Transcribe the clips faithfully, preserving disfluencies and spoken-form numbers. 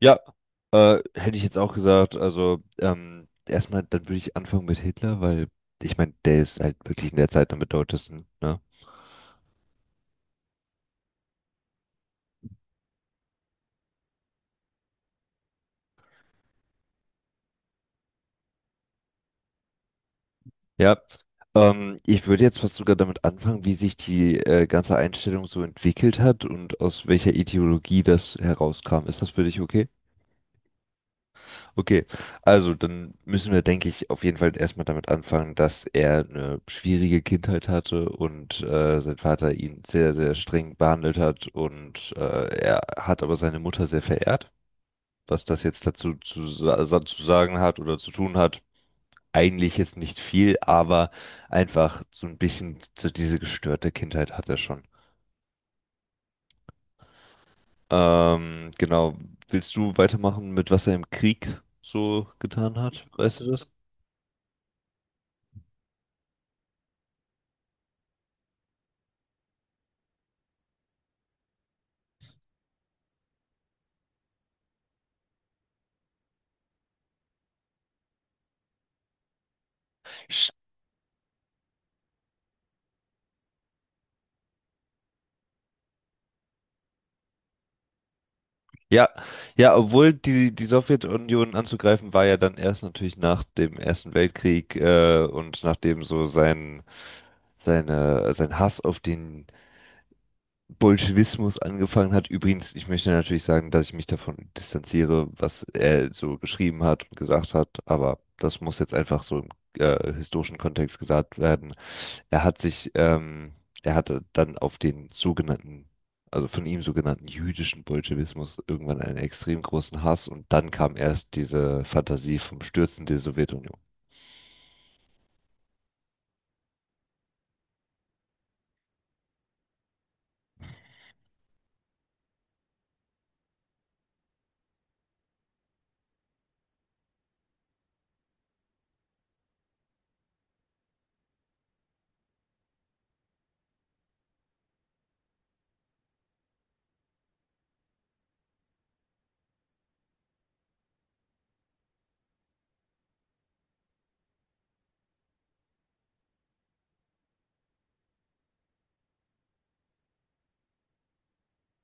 Ja, äh, hätte ich jetzt auch gesagt. Also, ähm, erstmal, dann würde ich anfangen mit Hitler, weil ich meine, der ist halt wirklich in der Zeit am bedeutendsten, ne? Ja. Ähm, ich würde jetzt fast sogar damit anfangen, wie sich die äh, ganze Einstellung so entwickelt hat und aus welcher Ideologie das herauskam. Ist das für dich okay? Okay, also dann müssen wir, denke ich, auf jeden Fall erstmal damit anfangen, dass er eine schwierige Kindheit hatte und äh, sein Vater ihn sehr, sehr streng behandelt hat und äh, er hat aber seine Mutter sehr verehrt. Was das jetzt dazu zu, sa- sa- zu sagen hat oder zu tun hat, eigentlich jetzt nicht viel, aber einfach so ein bisschen so diese gestörte Kindheit hat er schon. Ähm, genau, willst du weitermachen mit was er im Krieg so getan hat? Weißt du das? Ja, ja, obwohl die, die Sowjetunion anzugreifen war ja dann erst natürlich nach dem Ersten Weltkrieg äh, und nachdem so sein, seine, sein Hass auf den Bolschewismus angefangen hat. Übrigens, ich möchte natürlich sagen, dass ich mich davon distanziere, was er so geschrieben hat und gesagt hat, aber das muss jetzt einfach so im äh, historischen Kontext gesagt werden. Er hat sich, ähm, Er hatte dann auf den sogenannten, also von ihm sogenannten jüdischen Bolschewismus irgendwann einen extrem großen Hass und dann kam erst diese Fantasie vom Stürzen der Sowjetunion.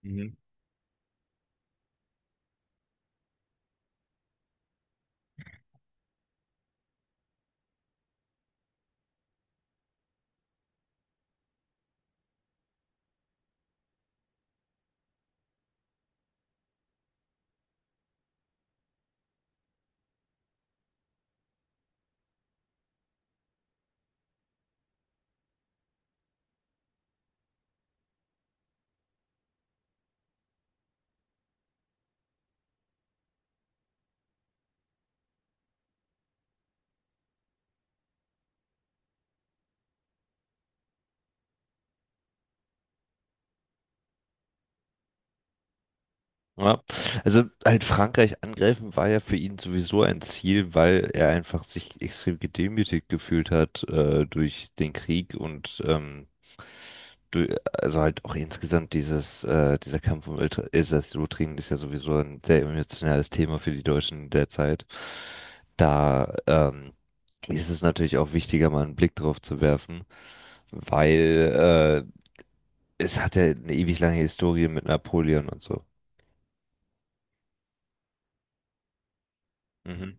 Mhm. Ja. Also halt Frankreich angreifen war ja für ihn sowieso ein Ziel, weil er einfach sich extrem gedemütigt gefühlt hat äh, durch den Krieg und ähm, du, also halt auch insgesamt dieses, äh, dieser Kampf um Iltra- Elsass-Lothringen ist ja sowieso ein sehr emotionales Thema für die Deutschen derzeit. Da ähm, ist es natürlich auch wichtiger, mal einen Blick drauf zu werfen, weil äh, es hat ja eine ewig lange Historie mit Napoleon und so. Mhm.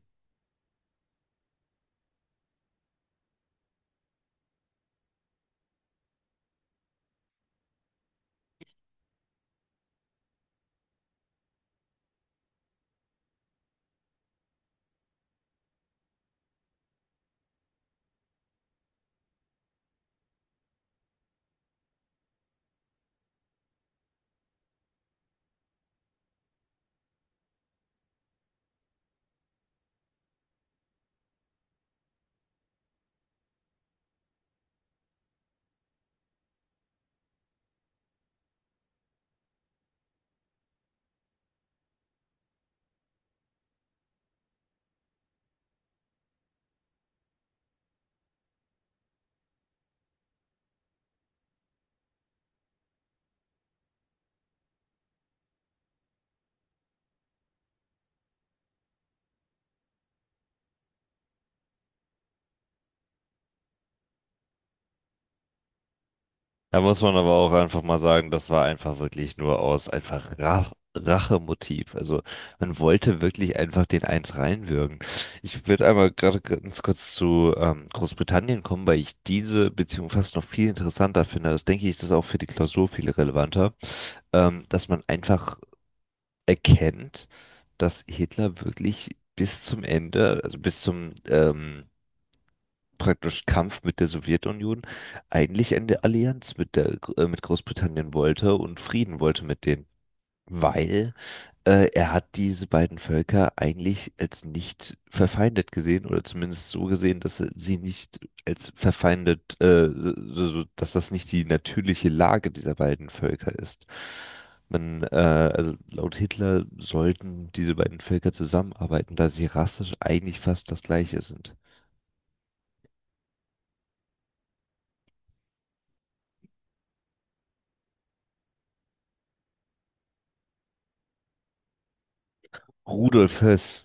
Da muss man aber auch einfach mal sagen, das war einfach wirklich nur aus einfach Rach Rachemotiv. Also man wollte wirklich einfach den Eins reinwürgen. Ich würde einmal gerade ganz kurz zu ähm, Großbritannien kommen, weil ich diese Beziehung fast noch viel interessanter finde. Das denke ich, ist das auch für die Klausur viel relevanter, ähm, dass man einfach erkennt, dass Hitler wirklich bis zum Ende, also bis zum ähm, praktisch Kampf mit der Sowjetunion eigentlich eine Allianz mit der, äh, mit Großbritannien wollte und Frieden wollte mit denen. Weil äh, er hat diese beiden Völker eigentlich als nicht verfeindet gesehen oder zumindest so gesehen, dass er sie nicht als verfeindet, äh, so, so, so, dass das nicht die natürliche Lage dieser beiden Völker ist. Man, äh, also laut Hitler sollten diese beiden Völker zusammenarbeiten, da sie rassisch eigentlich fast das gleiche sind. Rudolf Höss,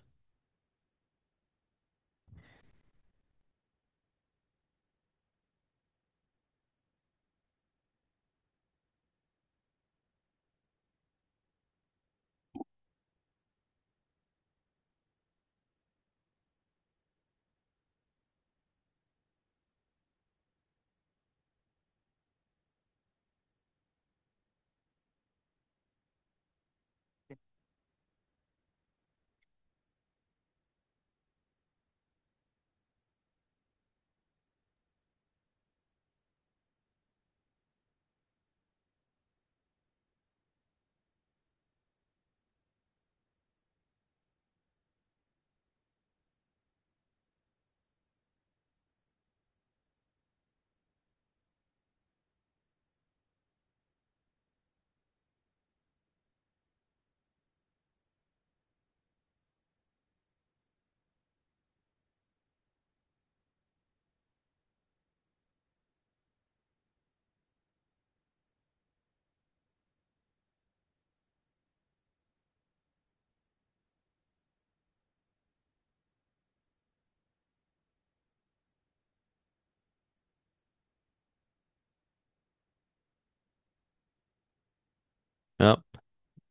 ja.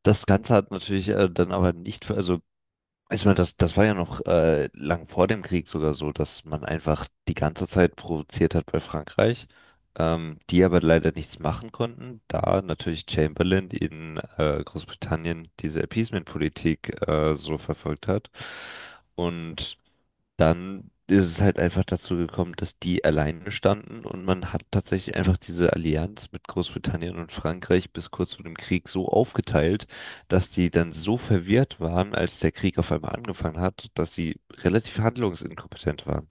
Das Ganze hat natürlich äh, dann aber nicht, also ich meine, das, das war ja noch äh, lang vor dem Krieg sogar so, dass man einfach die ganze Zeit provoziert hat bei Frankreich, ähm, die aber leider nichts machen konnten, da natürlich Chamberlain in äh, Großbritannien diese Appeasement-Politik äh, so verfolgt hat. Und dann ist es halt einfach dazu gekommen, dass die alleine standen und man hat tatsächlich einfach diese Allianz mit Großbritannien und Frankreich bis kurz vor dem Krieg so aufgeteilt, dass die dann so verwirrt waren, als der Krieg auf einmal angefangen hat, dass sie relativ handlungsinkompetent waren.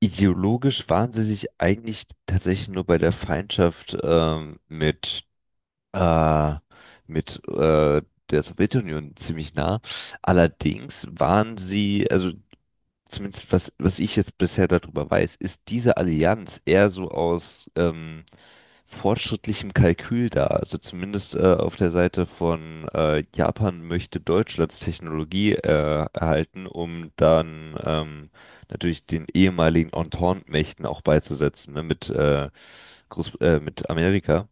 Ideologisch waren sie sich eigentlich tatsächlich nur bei der Feindschaft ähm, mit, äh, mit äh, der Sowjetunion ziemlich nah. Allerdings waren sie, also zumindest was, was ich jetzt bisher darüber weiß, ist diese Allianz eher so aus ähm, fortschrittlichem Kalkül da. Also zumindest äh, auf der Seite von äh, Japan möchte Deutschlands Technologie äh, erhalten, um dann ähm, natürlich den ehemaligen Entente-Mächten auch beizusetzen, ne, mit, äh, Groß äh, mit Amerika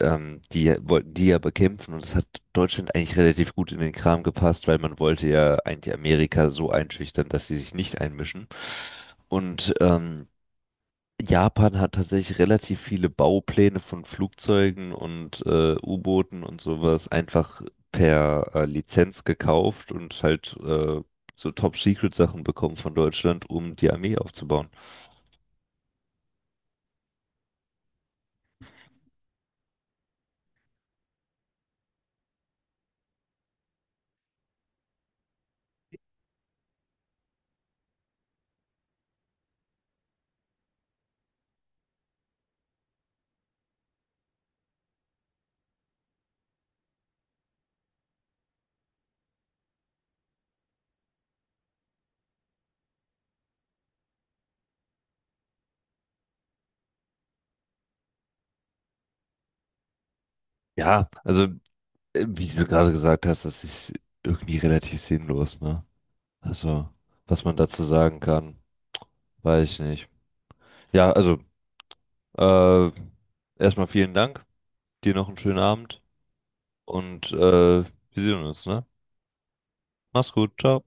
ähm, die wollten die ja bekämpfen und es hat Deutschland eigentlich relativ gut in den Kram gepasst, weil man wollte ja eigentlich Amerika so einschüchtern, dass sie sich nicht einmischen. Und ähm, Japan hat tatsächlich relativ viele Baupläne von Flugzeugen und äh, U-Booten und sowas einfach per äh, Lizenz gekauft und halt äh, so Top-Secret-Sachen bekommen von Deutschland, um die Armee aufzubauen. Ja, also äh, wie du gerade gesagt hast, das ist irgendwie relativ sinnlos, ne? Also, was man dazu sagen kann, weiß ich nicht. Ja, also, äh, erstmal vielen Dank, dir noch einen schönen Abend und äh, wir sehen uns, ne? Mach's gut, ciao.